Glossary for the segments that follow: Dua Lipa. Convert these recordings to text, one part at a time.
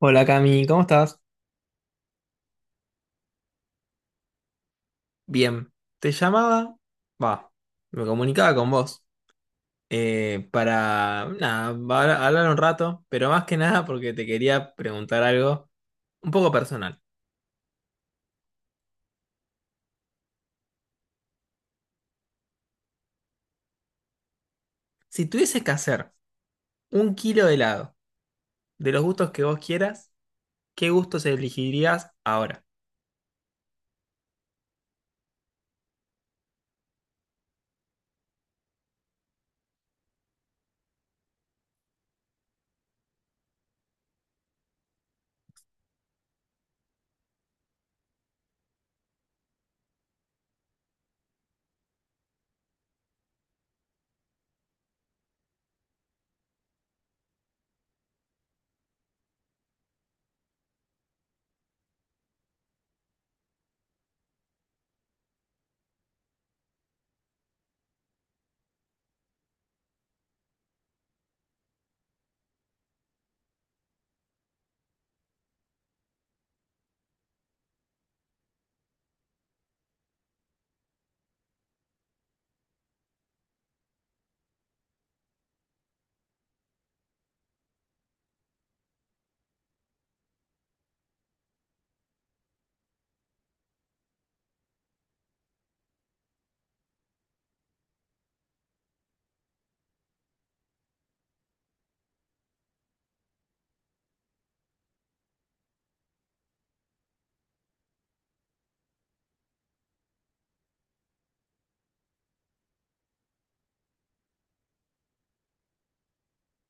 Hola Cami, ¿cómo estás? Bien, te llamaba, va, me comunicaba con vos para, nada, hablar un rato, pero más que nada porque te quería preguntar algo un poco personal. Si tuvieses que hacer un kilo de helado de los gustos que vos quieras, ¿qué gustos elegirías ahora?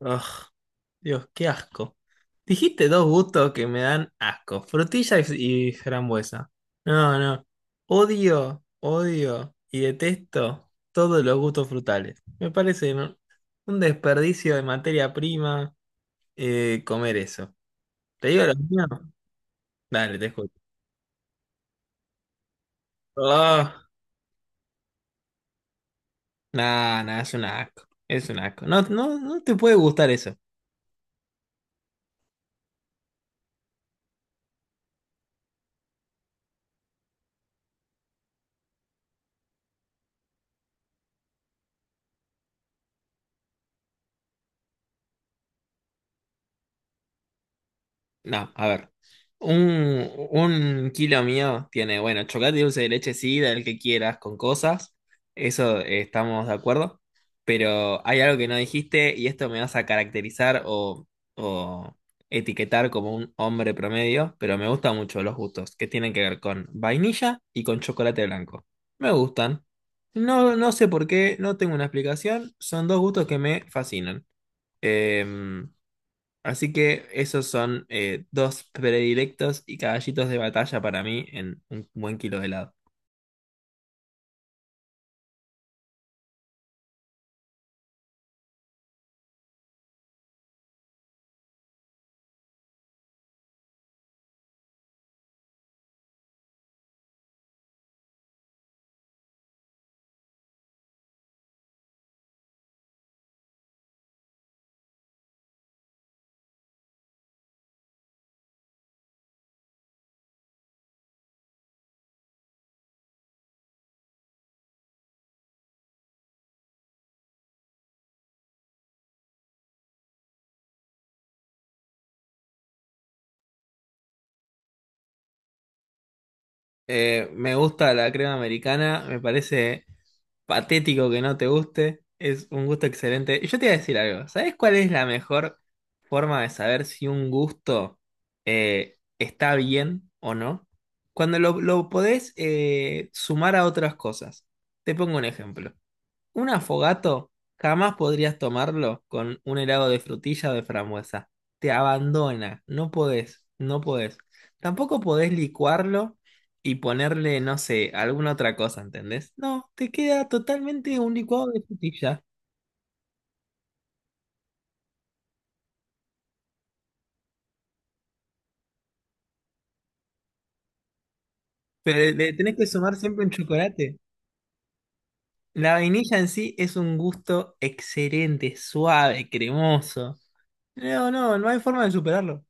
Ugh. Dios, qué asco. Dijiste dos gustos que me dan asco, frutilla y, frambuesa. No, no. Odio, odio y detesto todos los gustos frutales. Me parece un desperdicio de materia prima, comer eso. ¿Te digo lo mío? Dale, te escucho. Oh, no, no, es un asco. Es un asco. No, no, no te puede gustar eso. No, a ver. Un kilo mío tiene, bueno, chocolate y dulce de leche, sí, del que quieras, con cosas. Eso, estamos de acuerdo. Pero hay algo que no dijiste y esto me vas a caracterizar o etiquetar como un hombre promedio, pero me gustan mucho los gustos que tienen que ver con vainilla y con chocolate blanco. Me gustan. No, no sé por qué, no tengo una explicación. Son dos gustos que me fascinan. Em, así que esos son, dos predilectos y caballitos de batalla para mí en un buen kilo de helado. Me gusta la crema americana, me parece patético que no te guste, es un gusto excelente. Y yo te iba a decir algo, ¿sabes cuál es la mejor forma de saber si un gusto, está bien o no? Cuando lo podés, sumar a otras cosas. Te pongo un ejemplo. Un afogato jamás podrías tomarlo con un helado de frutilla o de frambuesa. Te abandona, no podés, no podés. Tampoco podés licuarlo y ponerle, no sé, alguna otra cosa, ¿entendés? No, te queda totalmente un licuado de frutilla. Pero le tenés que sumar siempre un chocolate. La vainilla en sí es un gusto excelente, suave, cremoso. No, no, no hay forma de superarlo.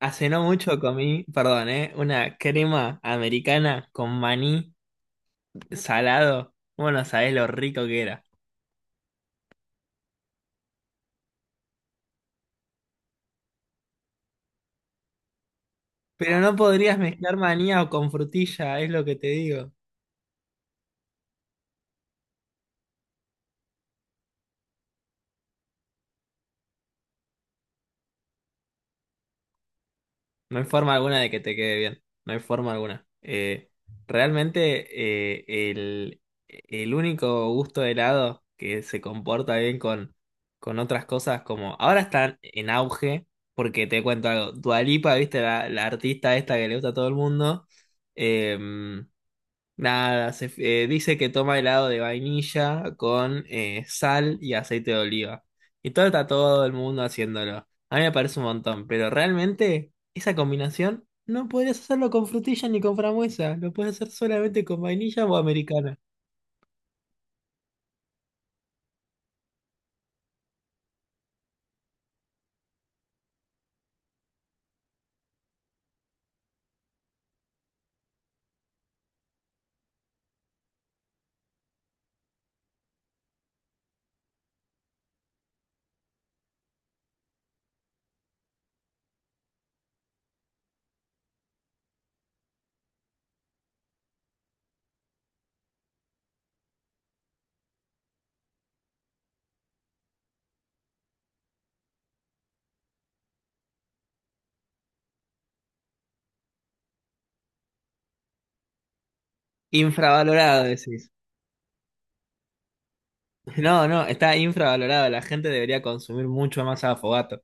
Hace no mucho comí, perdón, ¿eh? Una crema americana con maní salado. Bueno, sabés lo rico que era. Pero no podrías mezclar maní o con frutilla, es lo que te digo. No hay forma alguna de que te quede bien. No hay forma alguna. Realmente, eh, el, el único gusto de helado que se comporta bien con otras cosas como... Ahora están en auge, porque te cuento algo. Dua Lipa, viste, la artista esta que le gusta a todo el mundo. em, Nada, dice que toma helado de vainilla con, sal y aceite de oliva. Y todo está todo el mundo haciéndolo. A mí me parece un montón, pero realmente esa combinación no podrías hacerlo con frutilla ni con frambuesa. Lo puedes hacer solamente con vainilla o americana. Infravalorado, decís. No, no, está infravalorado. La gente debería consumir mucho más afogato.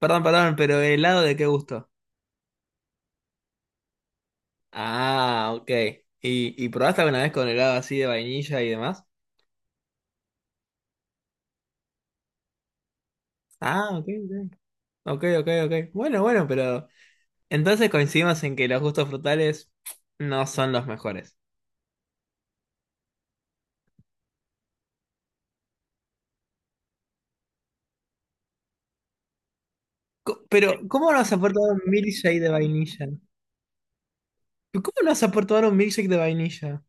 Perdón, perdón, pero ¿el helado de qué gusto? Ah, ok. Y probaste alguna vez con helado así de vainilla y demás? Ah, ok, ok. Ok, ok, ok. Bueno, bueno, pero entonces coincidimos en que los gustos frutales no son los mejores. Pero, ¿cómo nos has aportado un milkshake de vainilla? ¿Pero ¿cómo nos has aportado un milkshake de vainilla?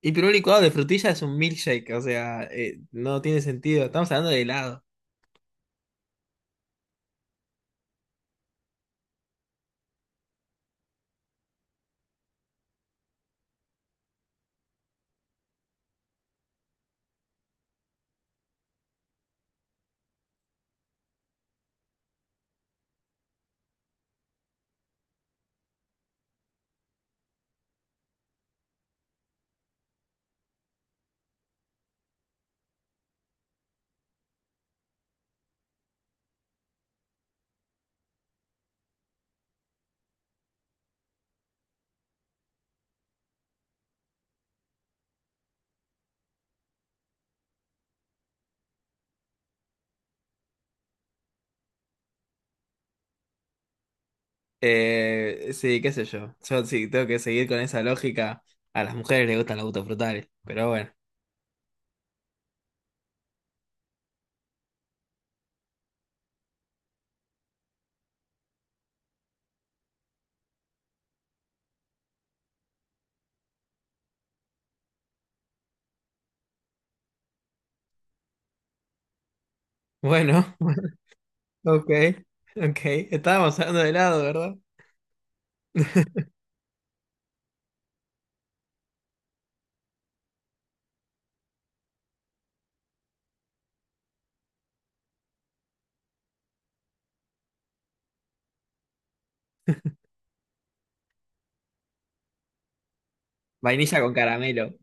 Y pero un licuado de frutilla es un milkshake, o sea, no tiene sentido. Estamos hablando de helado. Sí, qué sé yo. Yo sí tengo que seguir con esa lógica. A las mujeres les gustan los gustos frutales, pero bueno. Bueno, ok, ok. Estábamos hablando de helado, ¿verdad? Vainilla con caramelo.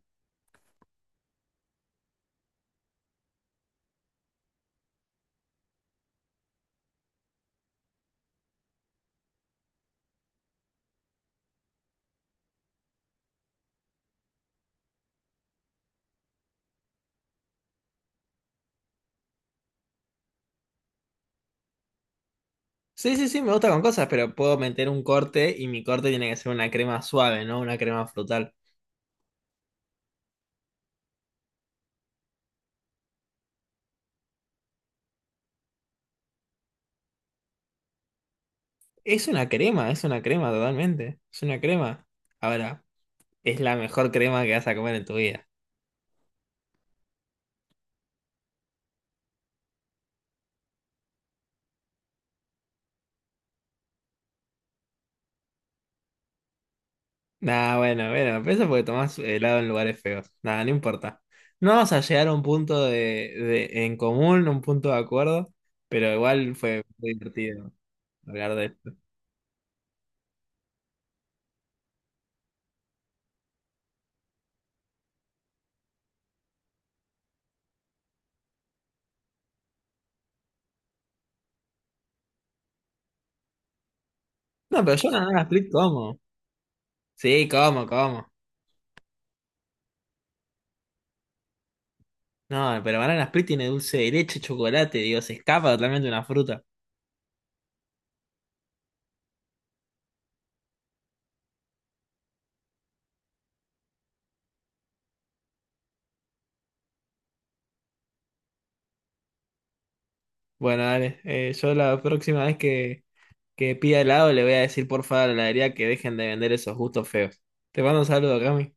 Sí, sí, sí, me gusta con cosas, pero puedo meter un corte y mi corte tiene que ser una crema suave, no una crema frutal. Es una crema totalmente. Es una crema. Ahora, es la mejor crema que vas a comer en tu vida. Nah, bueno, bueno, pero eso porque tomás helado en lugares feos. Nada, no importa. No vamos a llegar a un punto de, en común, un punto de acuerdo, pero igual fue muy divertido hablar de esto. No, pero yo nada, split como. Sí, como, como. No, pero banana split tiene dulce de leche, chocolate, digo, se escapa totalmente una fruta. Bueno, dale, yo la próxima vez que pida helado le voy a decir por favor a la heladería que dejen de vender esos gustos feos. Te mando un saludo, Cami.